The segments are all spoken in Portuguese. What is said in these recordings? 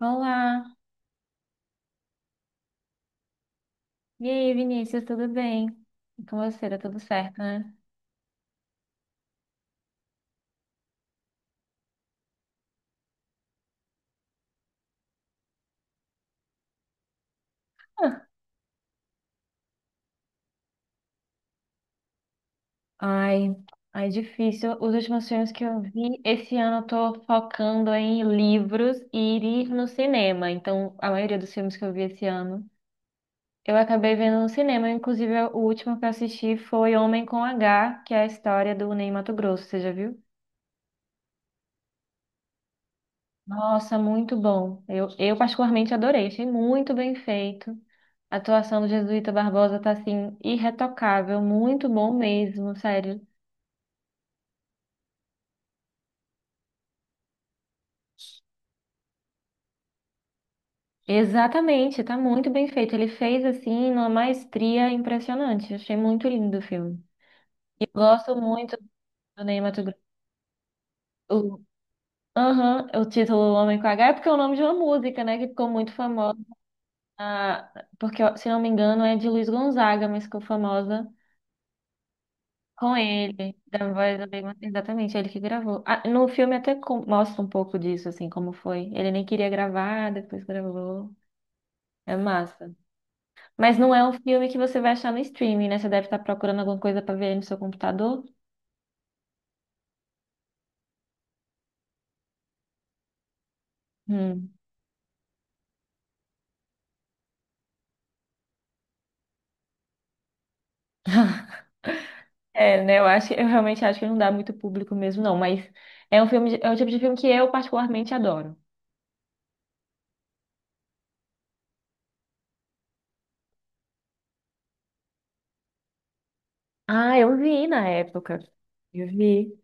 Olá! E aí, Vinícius, tudo bem? E com você, tá tudo certo, né? Ah, ai, ai, difícil. Os últimos filmes que eu vi esse ano eu tô focando em livros e ir no cinema. Então, a maioria dos filmes que eu vi esse ano, eu acabei vendo no cinema. Inclusive, o último que eu assisti foi Homem com H, que é a história do Ney Matogrosso, você já viu? Nossa, muito bom. Eu particularmente adorei, achei muito bem feito. A atuação do Jesuíta Barbosa tá assim, irretocável, muito bom mesmo, sério. Exatamente, tá muito bem feito. Ele fez assim, numa maestria impressionante. Achei muito lindo o filme. E gosto muito do Ney Matogrosso. O, aham, o título Homem com H é porque é o nome de uma música, né? Que ficou muito famosa. ah, Porque, se não me engano, é de Luiz Gonzaga, mas ficou famosa. Com ele, da voz do Big Mouth, exatamente, é ele que gravou. Ah, no filme até mostra um pouco disso, assim, como foi. Ele nem queria gravar, depois gravou. É massa. Mas não é um filme que você vai achar no streaming, né? Você deve estar procurando alguma coisa pra ver aí no seu computador. Hum. É, né? Eu acho, eu realmente acho que não dá muito público mesmo, não. Mas é um filme, é o tipo de filme que eu particularmente adoro. Ah, eu vi na época. Eu vi.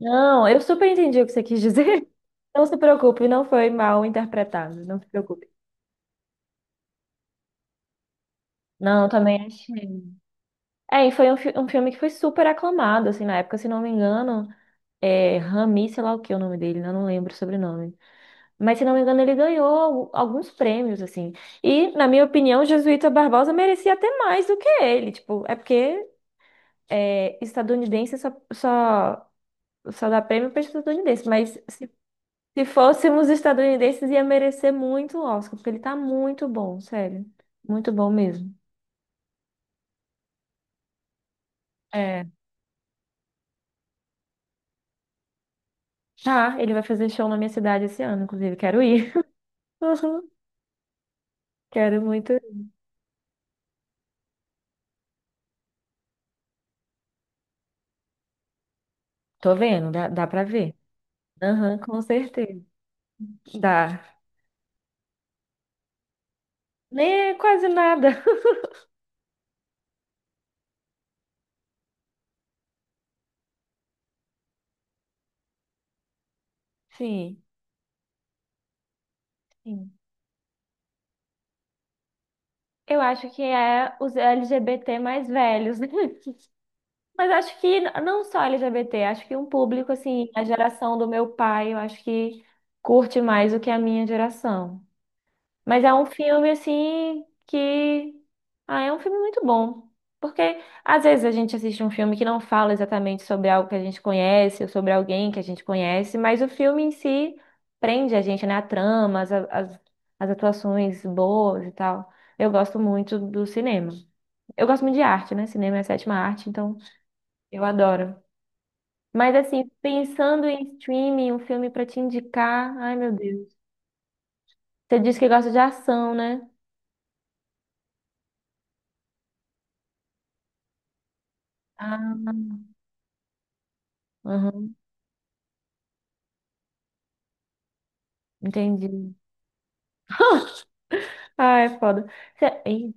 Não, eu super entendi o que você quis dizer. Não se preocupe, não foi mal interpretado, não se preocupe. Não, também achei. É, e foi um, um filme que foi super aclamado, assim, na época, se não me engano, é Rami, sei lá o que é o nome dele, né? Não lembro o sobrenome. Mas, se não me engano, ele ganhou alguns prêmios, assim. E, na minha opinião, Jesuíta Barbosa merecia até mais do que ele, tipo, é porque é, estadunidense só dá prêmio para estadunidense, mas se fôssemos estadunidenses, ia merecer muito o Oscar, porque ele tá muito bom, sério. Muito bom mesmo. É. Tá, ele vai fazer show na minha cidade esse ano, inclusive, quero ir. Uhum, quero muito. Tô vendo, dá pra ver. Aham, com certeza. Dá. Nem é quase nada. Sim, sim. Eu acho que é os LGBT mais velhos, né? Mas acho que não só LGBT, acho que um público, assim, a geração do meu pai, eu acho que curte mais do que a minha geração. Mas é um filme assim que. Ah, é um filme muito bom. Porque às vezes a gente assiste um filme que não fala exatamente sobre algo que a gente conhece ou sobre alguém que a gente conhece, mas o filme em si prende a gente, né? A trama, as atuações boas e tal. Eu gosto muito do cinema. Eu gosto muito de arte, né? Cinema é a sétima arte, então eu adoro. Mas assim, pensando em streaming, um filme pra te indicar, ai meu Deus. Você disse que gosta de ação, né? Ah. Uhum, entendi. Ah, é foda. Cê- Ih,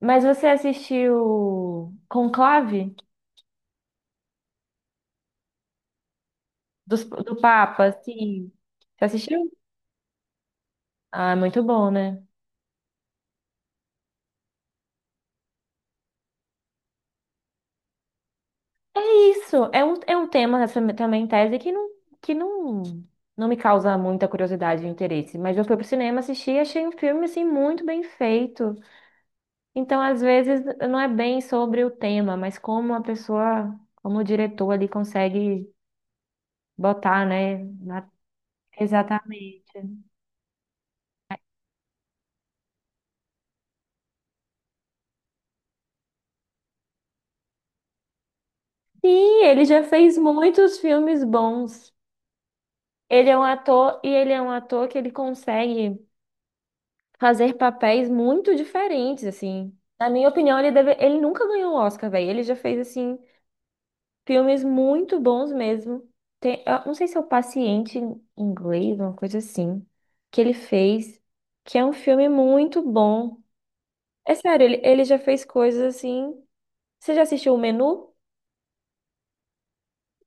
Mas você assistiu Conclave do Papa, sim. Você assistiu? Ah, é muito bom, né? Isso, é um, tema, essa também tese que não, não me causa muita curiosidade e interesse. Mas eu fui pro cinema assistir e achei um filme, assim, muito bem feito. Então, às vezes, não é bem sobre o tema, mas como a pessoa, como o diretor ali consegue botar, né? Exatamente. Sim, ele já fez muitos filmes bons. Ele é um ator e ele é um ator que ele consegue fazer papéis muito diferentes, assim. Na minha opinião, ele nunca ganhou um Oscar, velho. Ele já fez assim filmes muito bons mesmo. Eu não sei se é o Paciente em inglês, uma coisa assim, que ele fez, que é um filme muito bom. É sério, ele já fez coisas assim. Você já assistiu o Menu?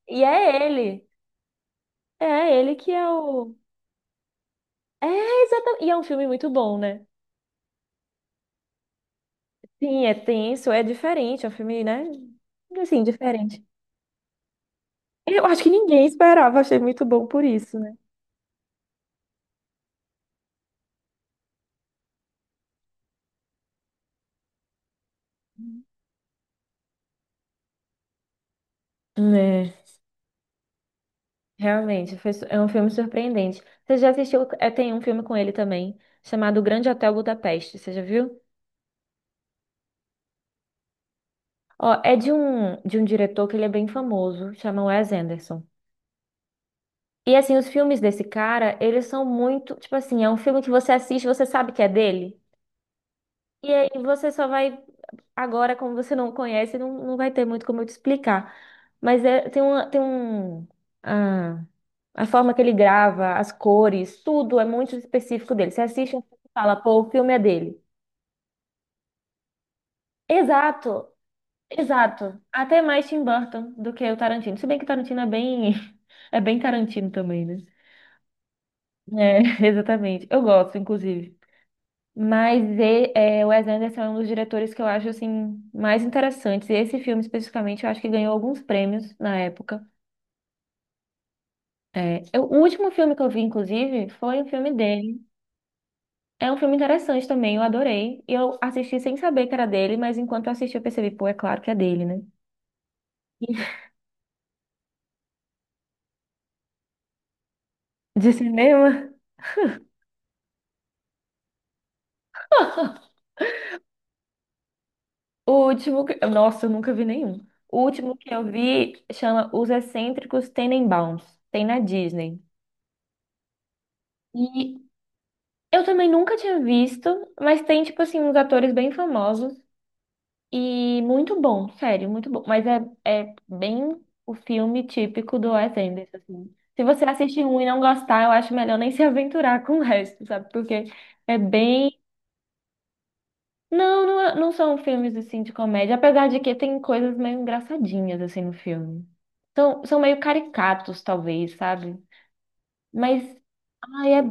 E é ele. É, ele que é o. É, exatamente. E é um filme muito bom, né? Sim, é tenso, é diferente, é um filme, né? Assim, diferente. Eu acho que ninguém esperava, achei muito bom por isso, né? É, realmente, foi é um filme surpreendente. Você já assistiu? É, tem um filme com ele também, chamado O Grande Hotel Budapeste, você já viu? Ó, é de um diretor que ele é bem famoso, chama Wes Anderson. E assim, os filmes desse cara, eles são muito, tipo assim, é um filme que você assiste, você sabe que é dele. E aí você só vai. Agora, como você não conhece, não, não vai ter muito como eu te explicar. Mas é, tem uma, tem um. Ah, a forma que ele grava, as cores, tudo é muito específico dele. Você assiste um filme e fala, pô, o filme é dele. Exato, exato. Até mais Tim Burton do que o Tarantino. Se bem que o Tarantino é bem. É bem Tarantino também, né? É, exatamente. Eu gosto, inclusive. Mas é, o Wes Anderson é um dos diretores que eu acho assim mais interessantes. E esse filme especificamente, eu acho que ganhou alguns prêmios na época. É, o último filme que eu vi, inclusive, foi um filme dele. É um filme interessante também, eu adorei. E eu assisti sem saber que era dele, mas enquanto eu assisti eu percebi, pô, é claro que é dele, né? De cinema? Nossa, eu nunca vi nenhum. O último que eu vi chama Os Excêntricos Tenenbaums. Tem na Disney. E eu também nunca tinha visto, mas tem, tipo assim, uns atores bem famosos e muito bom, sério, muito bom. Mas é bem o filme típico do Wes Anderson, assim. Se você assistir um e não gostar, eu acho melhor nem se aventurar com o resto, sabe? Porque é bem. Não, não, não são filmes, assim, de comédia, apesar de que tem coisas meio engraçadinhas, assim, no filme. São meio caricatos, talvez, sabe? Mas. Ai,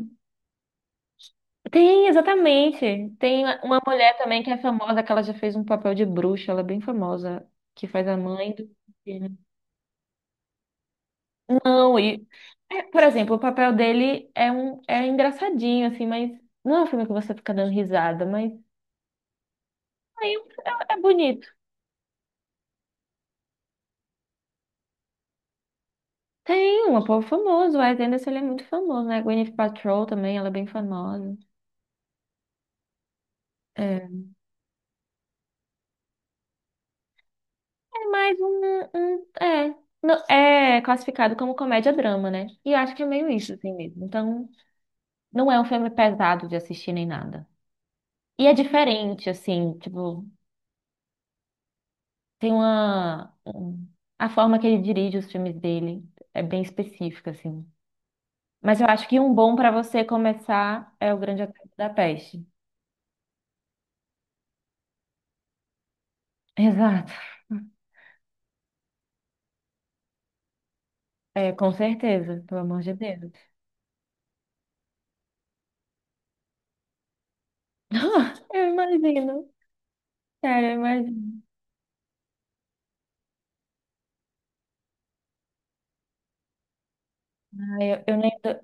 Tem, exatamente. Tem uma mulher também que é famosa, que ela já fez um papel de bruxa, ela é bem famosa, que faz a mãe do menino. Não, e. É, por exemplo, o papel dele é engraçadinho, assim, mas não é um filme que você fica dando risada, mas aí é, um, é bonito. Tem um povo famoso, o Wes Anderson ele é muito famoso, né? Gwyneth Paltrow também, ela é bem famosa. É, é mais um, é. Não, é classificado como comédia-drama, né? E eu acho que é meio isso, assim mesmo. Então. Não é um filme pesado de assistir nem nada. E é diferente, assim, tipo, tem uma. um- a forma que ele dirige os filmes dele é bem específica, assim. Mas eu acho que um bom para você começar é O Grande Hotel da Peste. Exato. É, com certeza, pelo amor de Deus. Eu imagino. Sério, eu imagino. Ai, Eu, eu nem dou,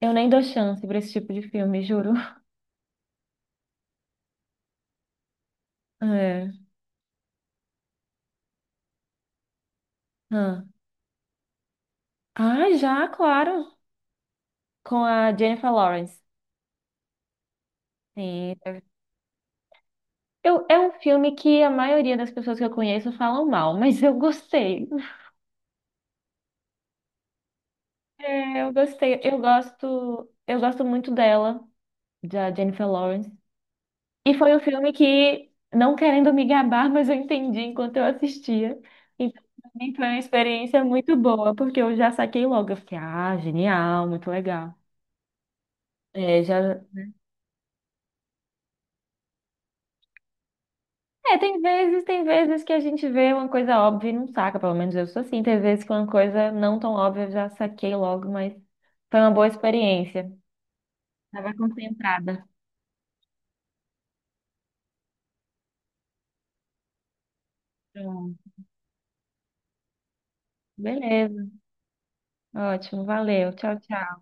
eu nem dou chance pra esse tipo de filme, juro. É. Ah, Ah, já, claro. Com a Jennifer Lawrence. Sim, é um filme que a maioria das pessoas que eu conheço falam mal, mas eu gostei. É, eu gostei. Eu gosto muito dela, da Jennifer Lawrence. E foi um filme que, não querendo me gabar, mas eu entendi enquanto eu assistia. Então, pra mim foi uma experiência muito boa, porque eu já saquei logo. Eu fiquei, ah, genial, muito legal. É, já. É, tem vezes que a gente vê uma coisa óbvia e não saca, pelo menos eu sou assim. Tem vezes que uma coisa não tão óbvia eu já saquei logo, mas foi uma boa experiência. Estava concentrada. Pronto. Beleza, ótimo, valeu. Tchau, tchau.